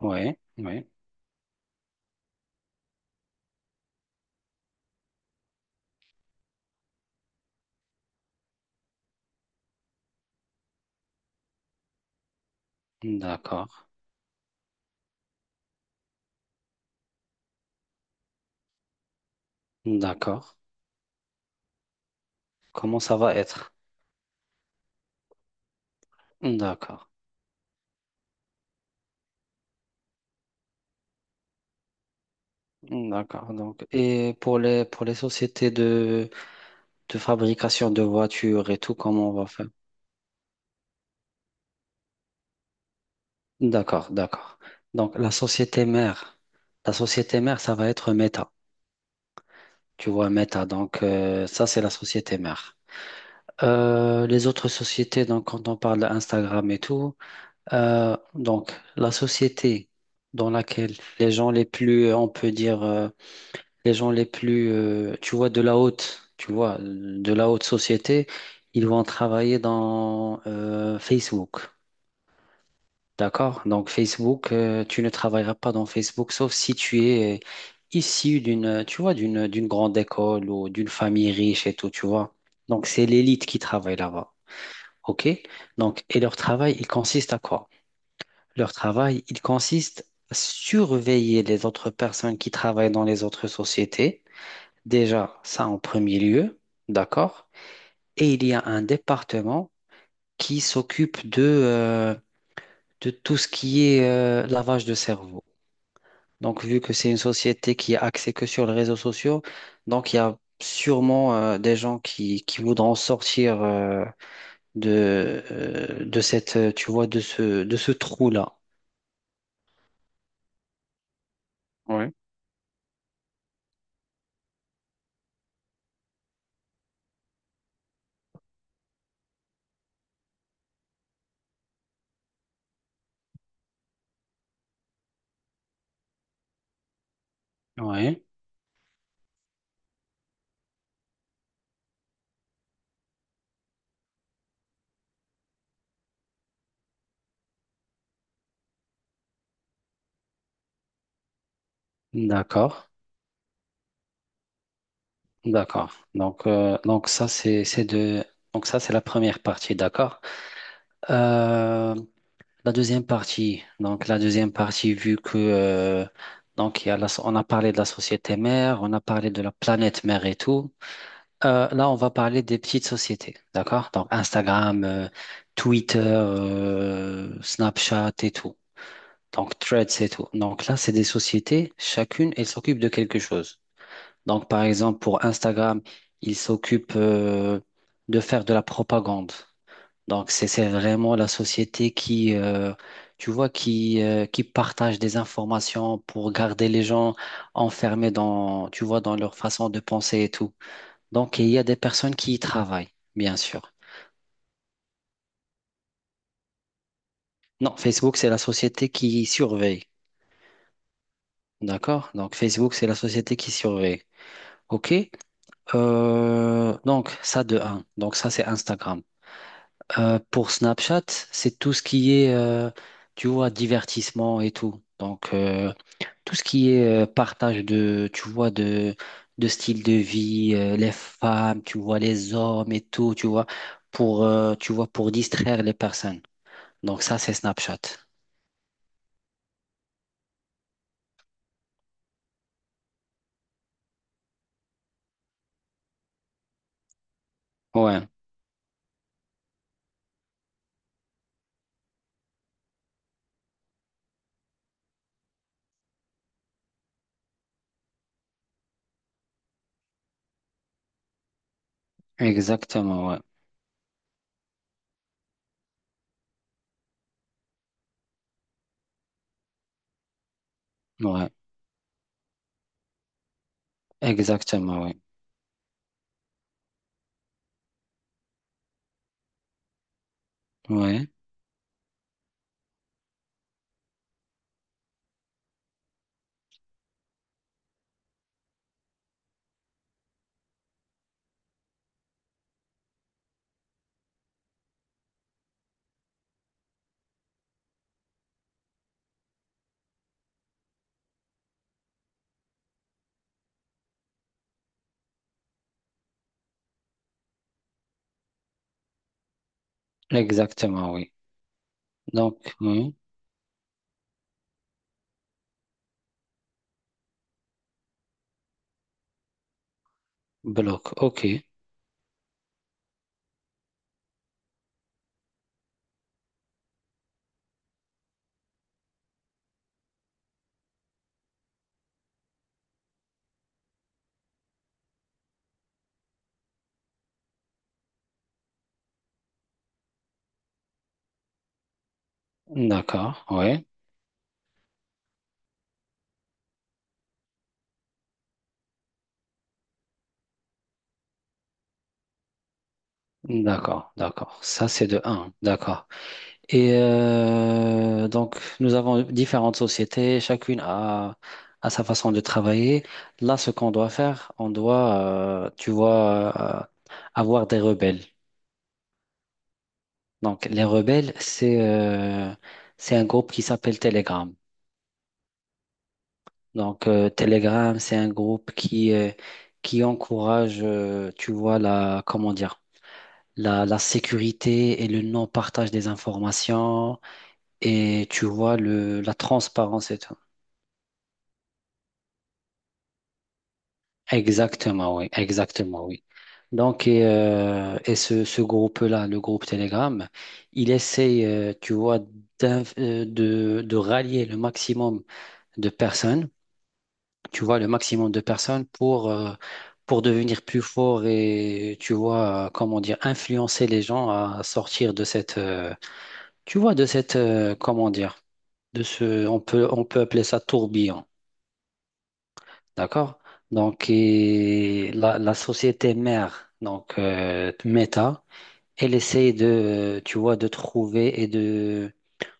Ouais, ouais, d'accord, d'accord. Comment ça va être? D'accord, d'accord. Donc, et pour les sociétés de fabrication de voitures et tout, comment on va faire? D'accord, d'accord. Donc, la société mère, ça va être Meta. Tu vois, Meta. Donc, ça, c'est la société mère. Les autres sociétés, donc, quand on parle d'Instagram et tout, donc, la société dans laquelle les gens les plus, on peut dire, euh, les gens les plus, tu vois, de la haute, tu vois, de la haute société, ils vont travailler dans Facebook. D'accord? Donc Facebook, tu ne travailleras pas dans Facebook sauf si tu es issu d'une, tu vois, d'une grande école ou d'une famille riche et tout, tu vois. Donc c'est l'élite qui travaille là-bas. OK? Donc, et leur travail, il consiste à quoi? Leur travail, il consiste à surveiller les autres personnes qui travaillent dans les autres sociétés. Déjà, ça en premier lieu, d'accord? Et il y a un département qui s'occupe de tout ce qui est lavage de cerveau. Donc, vu que c'est une société qui est axée que sur les réseaux sociaux, donc il y a sûrement des gens qui voudront sortir de cette, tu vois, de ce trou-là. Oui. Oui, d'accord, d'accord. Donc ça c'est de donc ça c'est la première partie, d'accord. Euh, La deuxième partie, vu que donc il y a on a parlé de la société mère, on a parlé de la planète mère et tout. Là, on va parler des petites sociétés, d'accord? Donc Instagram, Twitter, Snapchat et tout. Donc Threads et tout. Donc là, c'est des sociétés, chacune, elle s'occupe de quelque chose. Donc par exemple, pour Instagram, il s'occupe de faire de la propagande. Donc, c'est vraiment la société tu vois, qui partage des informations pour garder les gens enfermés dans, tu vois, dans leur façon de penser et tout. Donc, il y a des personnes qui y travaillent, bien sûr. Non, Facebook, c'est la société qui surveille. D'accord? Donc, Facebook, c'est la société qui surveille. OK? Donc, ça de un. Donc, ça, c'est Instagram. Pour Snapchat, c'est tout ce qui est, tu vois, divertissement et tout. Donc, tout ce qui est partage de, tu vois, de style de vie, les femmes, tu vois, les hommes et tout, tu vois, pour distraire les personnes. Donc, ça, c'est Snapchat. Ouais, exactement, ouais. Ouais, exactement, ouais. Ouais, exactement, oui. Donc, oui, bloc, ok. D'accord, ouais. D'accord, d'accord. Ça, c'est de un. D'accord. Et donc, nous avons différentes sociétés, a sa façon de travailler. Là, ce qu'on doit faire, on doit, tu vois, avoir des rebelles. Donc, les rebelles, c'est un groupe qui s'appelle Telegram. Donc, Telegram, c'est un groupe qui encourage, tu vois, comment dire, la sécurité et le non-partage des informations et tu vois, la transparence et tout. Exactement, oui, exactement, oui. Donc, et ce groupe-là, le groupe Telegram, il essaye, tu vois, de rallier le maximum de personnes, tu vois, le maximum de personnes pour devenir plus fort et, tu vois, comment dire, influencer les gens à sortir de cette, tu vois, de cette, comment dire, on peut appeler ça tourbillon. D'accord? Donc, et la société mère, donc Meta, elle essaye de, tu vois, de trouver et de,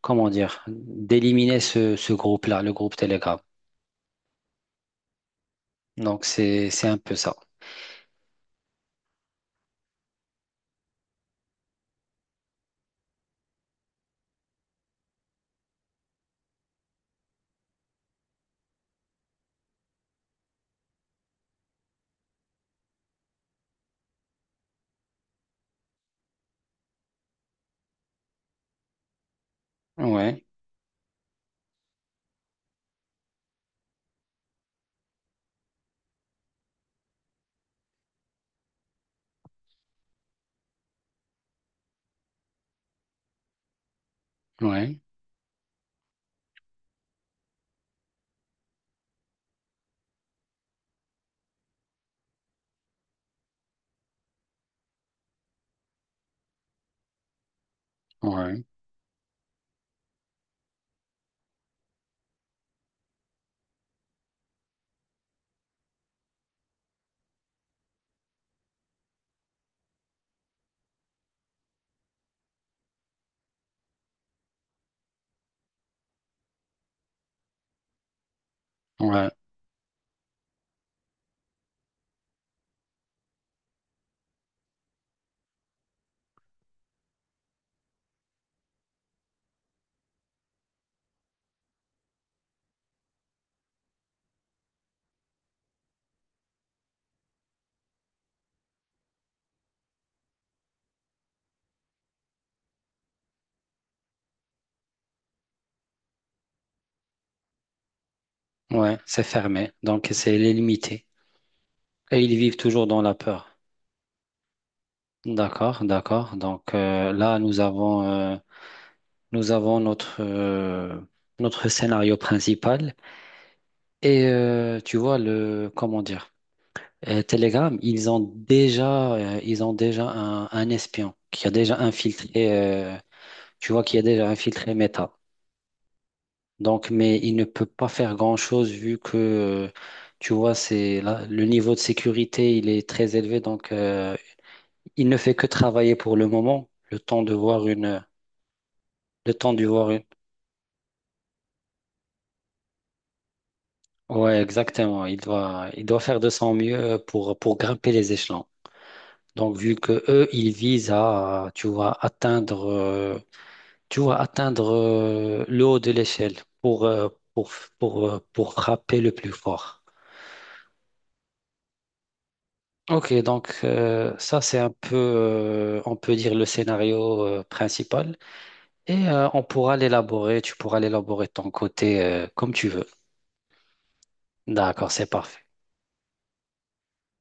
comment dire, d'éliminer ce groupe-là, le groupe Telegram. Donc, c'est un peu ça. Ouais, ouais, ouais, ouais, ouais, c'est fermé. Donc, c'est limité. Et ils vivent toujours dans la peur. D'accord, d'accord. Donc, là, nous avons notre, notre scénario principal. Et tu vois le comment dire Telegram, ils ont déjà un espion qui a déjà infiltré euh, tu vois qui a déjà infiltré Meta. Donc mais il ne peut pas faire grand-chose vu que tu vois c'est là le niveau de sécurité, il est très élevé donc il ne fait que travailler pour le moment, le temps de voir une. Ouais, exactement, il doit faire de son mieux pour grimper les échelons. Donc, vu que eux, ils visent à, tu vois, atteindre le haut de l'échelle pour, pour, pour frapper le plus fort. Ok, donc ça, c'est un peu, on peut dire, le scénario principal. Et on pourra l'élaborer, tu pourras l'élaborer de ton côté comme tu veux. D'accord, c'est parfait.